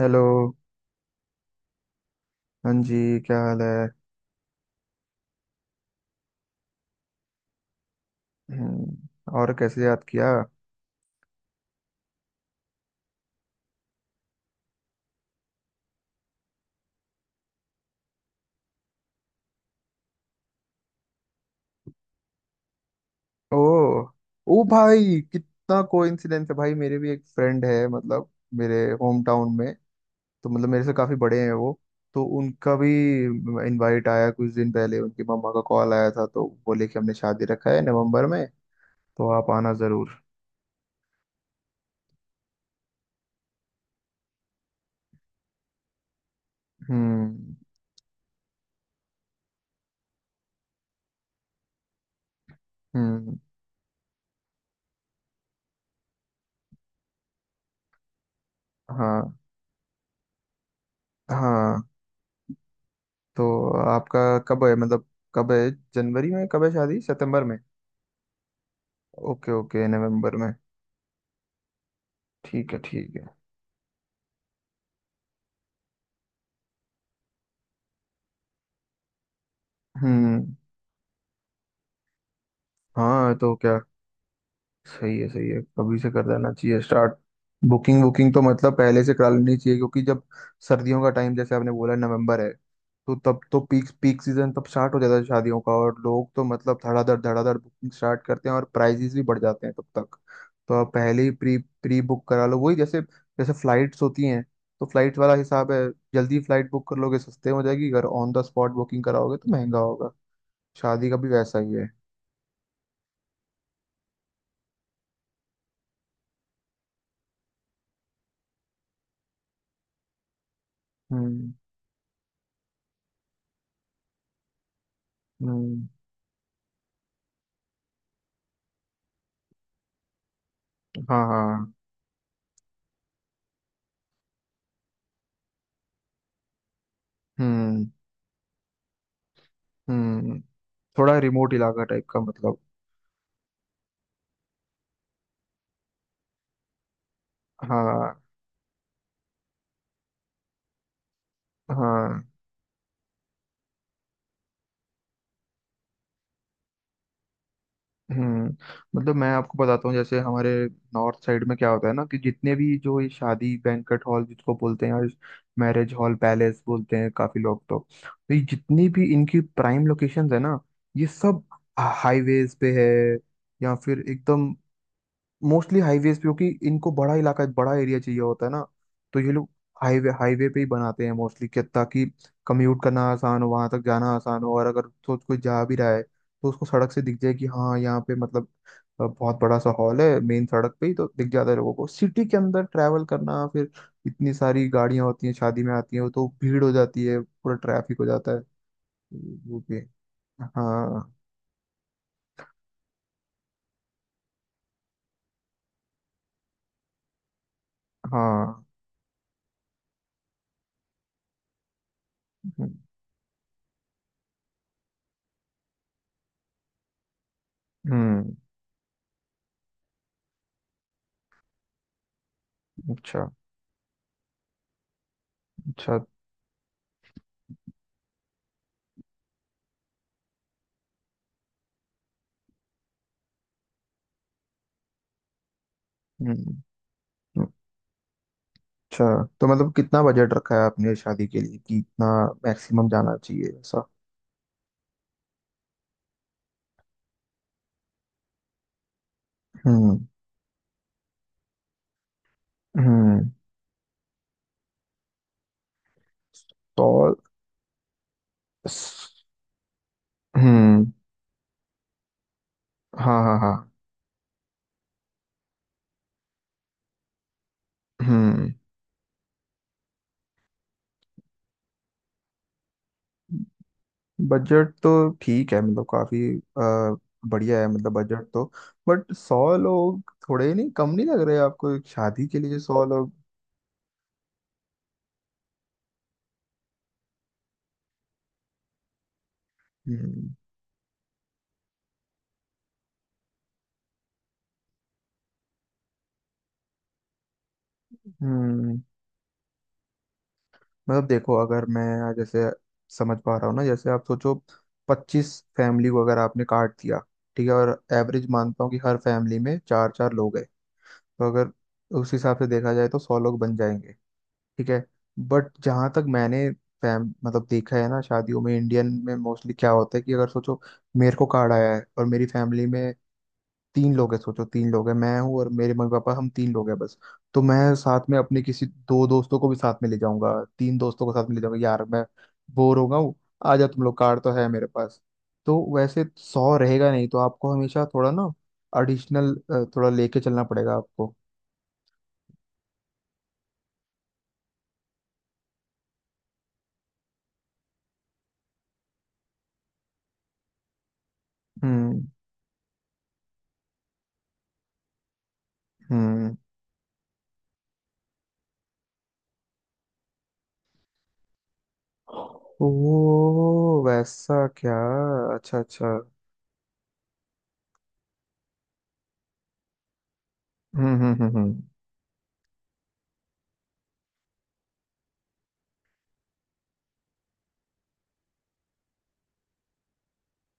Hello. हाँ जी, क्या हाल है। हम्म। और कैसे याद किया। ओ। ओ भाई, कितना कोइंसिडेंस है। भाई, मेरे भी एक फ्रेंड है, मतलब मेरे होम टाउन में। तो मतलब मेरे से काफी बड़े हैं वो। तो उनका भी इनवाइट आया कुछ दिन पहले। उनकी मम्मा का कॉल आया था तो बोले कि हमने शादी रखा है नवंबर में, तो आप आना जरूर। हम्म, हम्म। हाँ, हाँ। तो आपका कब है, मतलब कब है? जनवरी में कब है शादी, सितंबर में? Okay, okay. नवंबर में। ठीक है, ठीक है। हम्म। हाँ तो क्या? सही है, सही है। कभी से कर देना चाहिए स्टार्ट। बुकिंग बुकिंग तो मतलब पहले से करा लेनी चाहिए, क्योंकि जब सर्दियों का टाइम, जैसे आपने बोला, नवंबर है। तो तब तो पीक पीक सीजन तब स्टार्ट हो जाता है शादियों का। और लोग तो मतलब धड़ाधड़ धड़ाधड़ बुकिंग स्टार्ट करते हैं और प्राइजेस भी बढ़ जाते हैं तब तक। तो आप पहले ही प्री प्री बुक करा लो, वही जैसे जैसे फ्लाइट्स होती हैं। तो फ्लाइट वाला हिसाब है। जल्दी फ्लाइट बुक कर लोगे, सस्ते हो जाएगी। अगर ऑन द स्पॉट बुकिंग कराओगे तो महंगा होगा। शादी का भी वैसा ही है। हम्म, हम्म। हाँ, हाँ। हम्म, हम्म। थोड़ा रिमोट इलाका टाइप का, मतलब। हाँ, हाँ। हम्म। मतलब मैं आपको बताता हूँ, जैसे हमारे नॉर्थ साइड में क्या होता है ना, कि जितने भी जो ये शादी बैंक्वेट हॉल जिसको बोलते हैं, मैरिज हॉल पैलेस बोलते हैं काफी लोग तो। तो ये जितनी भी इनकी प्राइम लोकेशंस है ना, ये सब हाईवेज पे है। या फिर एकदम, मोस्टली हाईवेज पे, क्योंकि इनको बड़ा इलाका, बड़ा एरिया चाहिए होता है ना। तो ये लोग हाईवे हाईवे पे ही बनाते हैं मोस्टली, कि ताकि कम्यूट करना आसान हो, वहां तक जाना आसान हो। और अगर तो कोई जा भी रहा है तो उसको सड़क से दिख जाए कि हाँ, यहाँ पे मतलब बहुत बड़ा सा हॉल है, मेन सड़क पे ही तो दिख जाता है। लोगों को सिटी के अंदर ट्रैवल करना, फिर इतनी सारी गाड़ियां होती हैं शादी में आती हैं, तो भीड़ हो जाती है, पूरा ट्रैफिक हो जाता है। वो भी, हाँ। हाँ। हम्म, हम्म, अच्छा, अच्छा। हम्म। अच्छा। तो मतलब कितना बजट रखा है आपने शादी के लिए, कि इतना मैक्सिमम जाना चाहिए, ऐसा? हम्म, हम्म। तो स- हम्म। हाँ, हाँ, हाँ। हम्म। बजट तो ठीक है, मतलब काफी अ, बढ़िया है, मतलब बजट तो। बट 100 लोग थोड़े नहीं, कम नहीं लग रहे आपको एक शादी के लिए 100 लोग? हम्म, हम्म। मतलब देखो, अगर मैं जैसे समझ पा रहा हूँ ना, जैसे आप सोचो 25 फैमिली को, अगर आपने काट दिया, ठीक है, और एवरेज मानता हूँ कि हर फैमिली में चार चार लोग हैं। तो अगर उस हिसाब से देखा जाए तो 100 लोग बन जाएंगे, ठीक है। बट जहाँ तक मैंने फैम मतलब देखा है ना शादियों में, इंडियन में मोस्टली क्या होता है कि अगर सोचो मेरे को कार्ड आया है और मेरी फैमिली में तीन लोग हैं, सोचो तीन लोग हैं, मैं हूँ और मेरे मम्मी पापा, हम तीन लोग हैं बस। तो मैं साथ में अपने किसी दो दोस्तों को भी साथ में ले जाऊंगा, तीन दोस्तों को साथ में ले जाऊंगा। यार, मैं बोर हो गया हूँ, आ जाओ तुम लोग, कार तो है मेरे पास। तो वैसे 100 रहेगा नहीं, तो आपको हमेशा थोड़ा ना एडिशनल, थोड़ा लेके चलना पड़ेगा आपको। हम्म, हम्म। ओ वैसा क्या? अच्छा, अच्छा। हम्म, हम्म, हम्म, हम्म।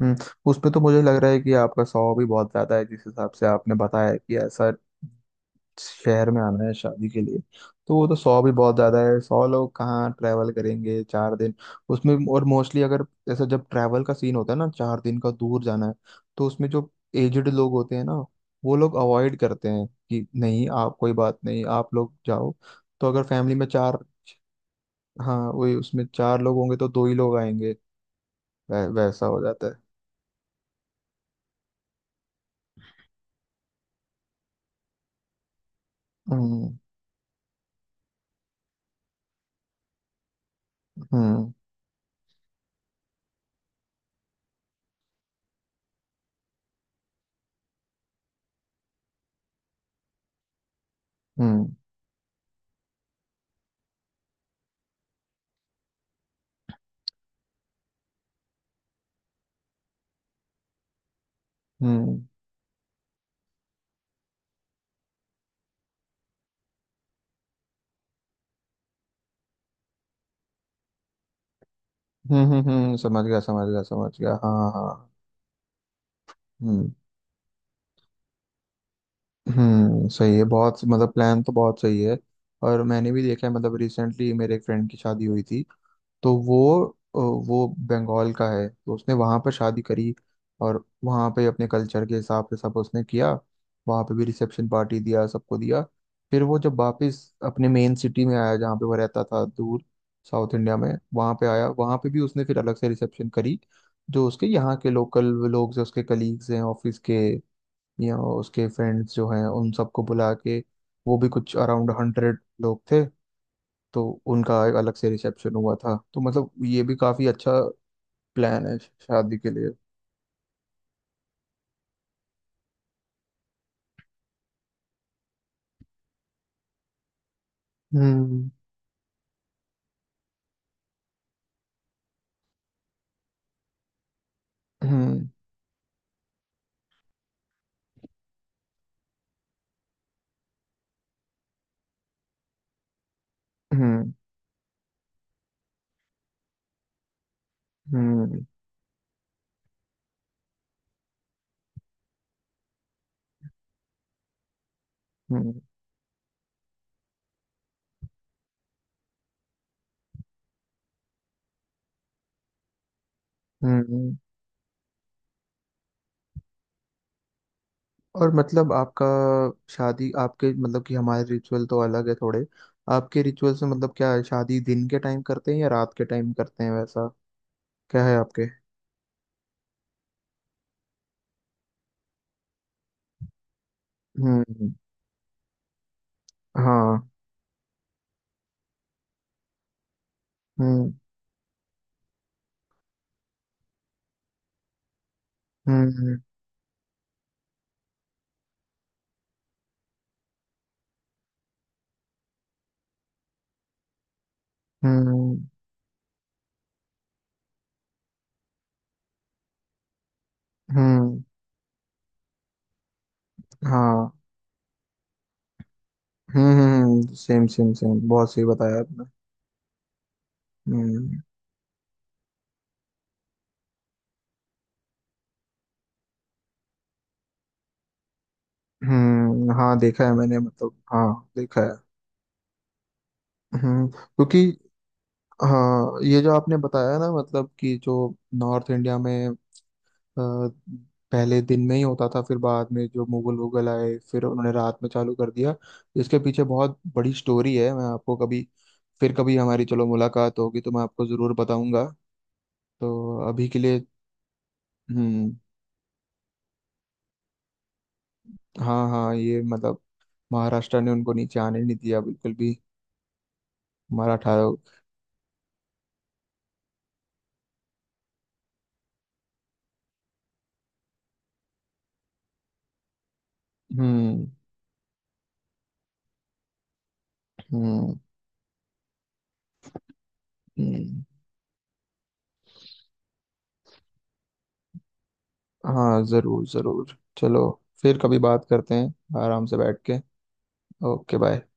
हम्म। उस पे तो मुझे लग रहा है कि आपका 100 भी बहुत ज्यादा है, जिस हिसाब से आपने बताया कि ऐसा शहर में आना है शादी के लिए, तो वो तो 100 भी बहुत ज्यादा है। 100 लोग कहाँ ट्रैवल करेंगे 4 दिन? उसमें। और मोस्टली अगर ऐसा जब ट्रैवल का सीन होता है ना, 4 दिन का दूर जाना है। तो उसमें जो एजड लोग होते हैं ना, वो लोग अवॉइड करते हैं कि नहीं, आप कोई बात नहीं, आप लोग जाओ। तो अगर फैमिली में चार, हाँ वही, उसमें चार लोग होंगे तो दो ही लोग आएंगे। वैसा हो जाता है। हम्म, हम्म, हम्म, हम्म, हम्म, हम्म, हम्म। समझ गया, समझ गया, समझ गया। हाँ, हाँ, हाँ। हम्म, हम्म। सही है बहुत, मतलब प्लान तो बहुत सही है। और मैंने भी देखा है, मतलब रिसेंटली मेरे एक फ्रेंड की शादी हुई थी। तो अ, वो बंगाल का है, तो उसने वहाँ पर शादी करी। और वहाँ पे अपने कल्चर के हिसाब से सब उसने किया, वहाँ पे भी रिसेप्शन पार्टी दिया, सबको दिया। फिर वो जब वापस अपने मेन सिटी में आया, जहाँ पे वो रहता था, दूर साउथ इंडिया में, वहाँ पे आया, वहाँ पे भी उसने फिर अलग से रिसेप्शन करी। जो उसके यहाँ के लोकल लोग हैं, उसके कलीग्स हैं ऑफिस के, या उसके फ्रेंड्स जो हैं, उन सबको बुला के। वो भी कुछ अराउंड 100 लोग थे। तो उनका एक अलग से रिसेप्शन हुआ था। तो मतलब ये भी काफी अच्छा प्लान है शादी के लिए। हम्म, हम्म, हम्म, हम्म, हम्म, हम्म। और मतलब आपका शादी, आपके मतलब कि हमारे रिचुअल तो अलग है थोड़े आपके रिचुअल से, मतलब क्या है, शादी दिन के टाइम करते हैं या रात के टाइम करते हैं, वैसा क्या है आपके? हम्म। हाँ। हम्म, हम्म, हम्म, हम्म। हाँ। हम्म, हम्म। सेम सेम सेम, बहुत सही बताया आपने। हम्म। हम्म, हाँ, देखा है मैंने, मतलब हाँ, देखा है। हम्म, क्योंकि। हाँ, ये जो आपने बताया ना, मतलब कि जो नॉर्थ इंडिया में अ, पहले दिन में ही होता था, फिर बाद में जो मुगल वुगल आए, फिर उन्होंने रात में चालू कर दिया। इसके पीछे बहुत बड़ी स्टोरी है। मैं आपको कभी, फिर कभी हमारी चलो मुलाकात होगी तो मैं आपको जरूर बताऊंगा। तो अभी के लिए। हम्म। हाँ, हाँ ये मतलब महाराष्ट्र ने उनको नीचे आने नहीं दिया बिल्कुल भी, मराठा लोग। हम्म, हम्म, हम्म। हाँ, जरूर, जरूर। चलो, फिर कभी बात करते हैं आराम से बैठ के। ओके। बाय।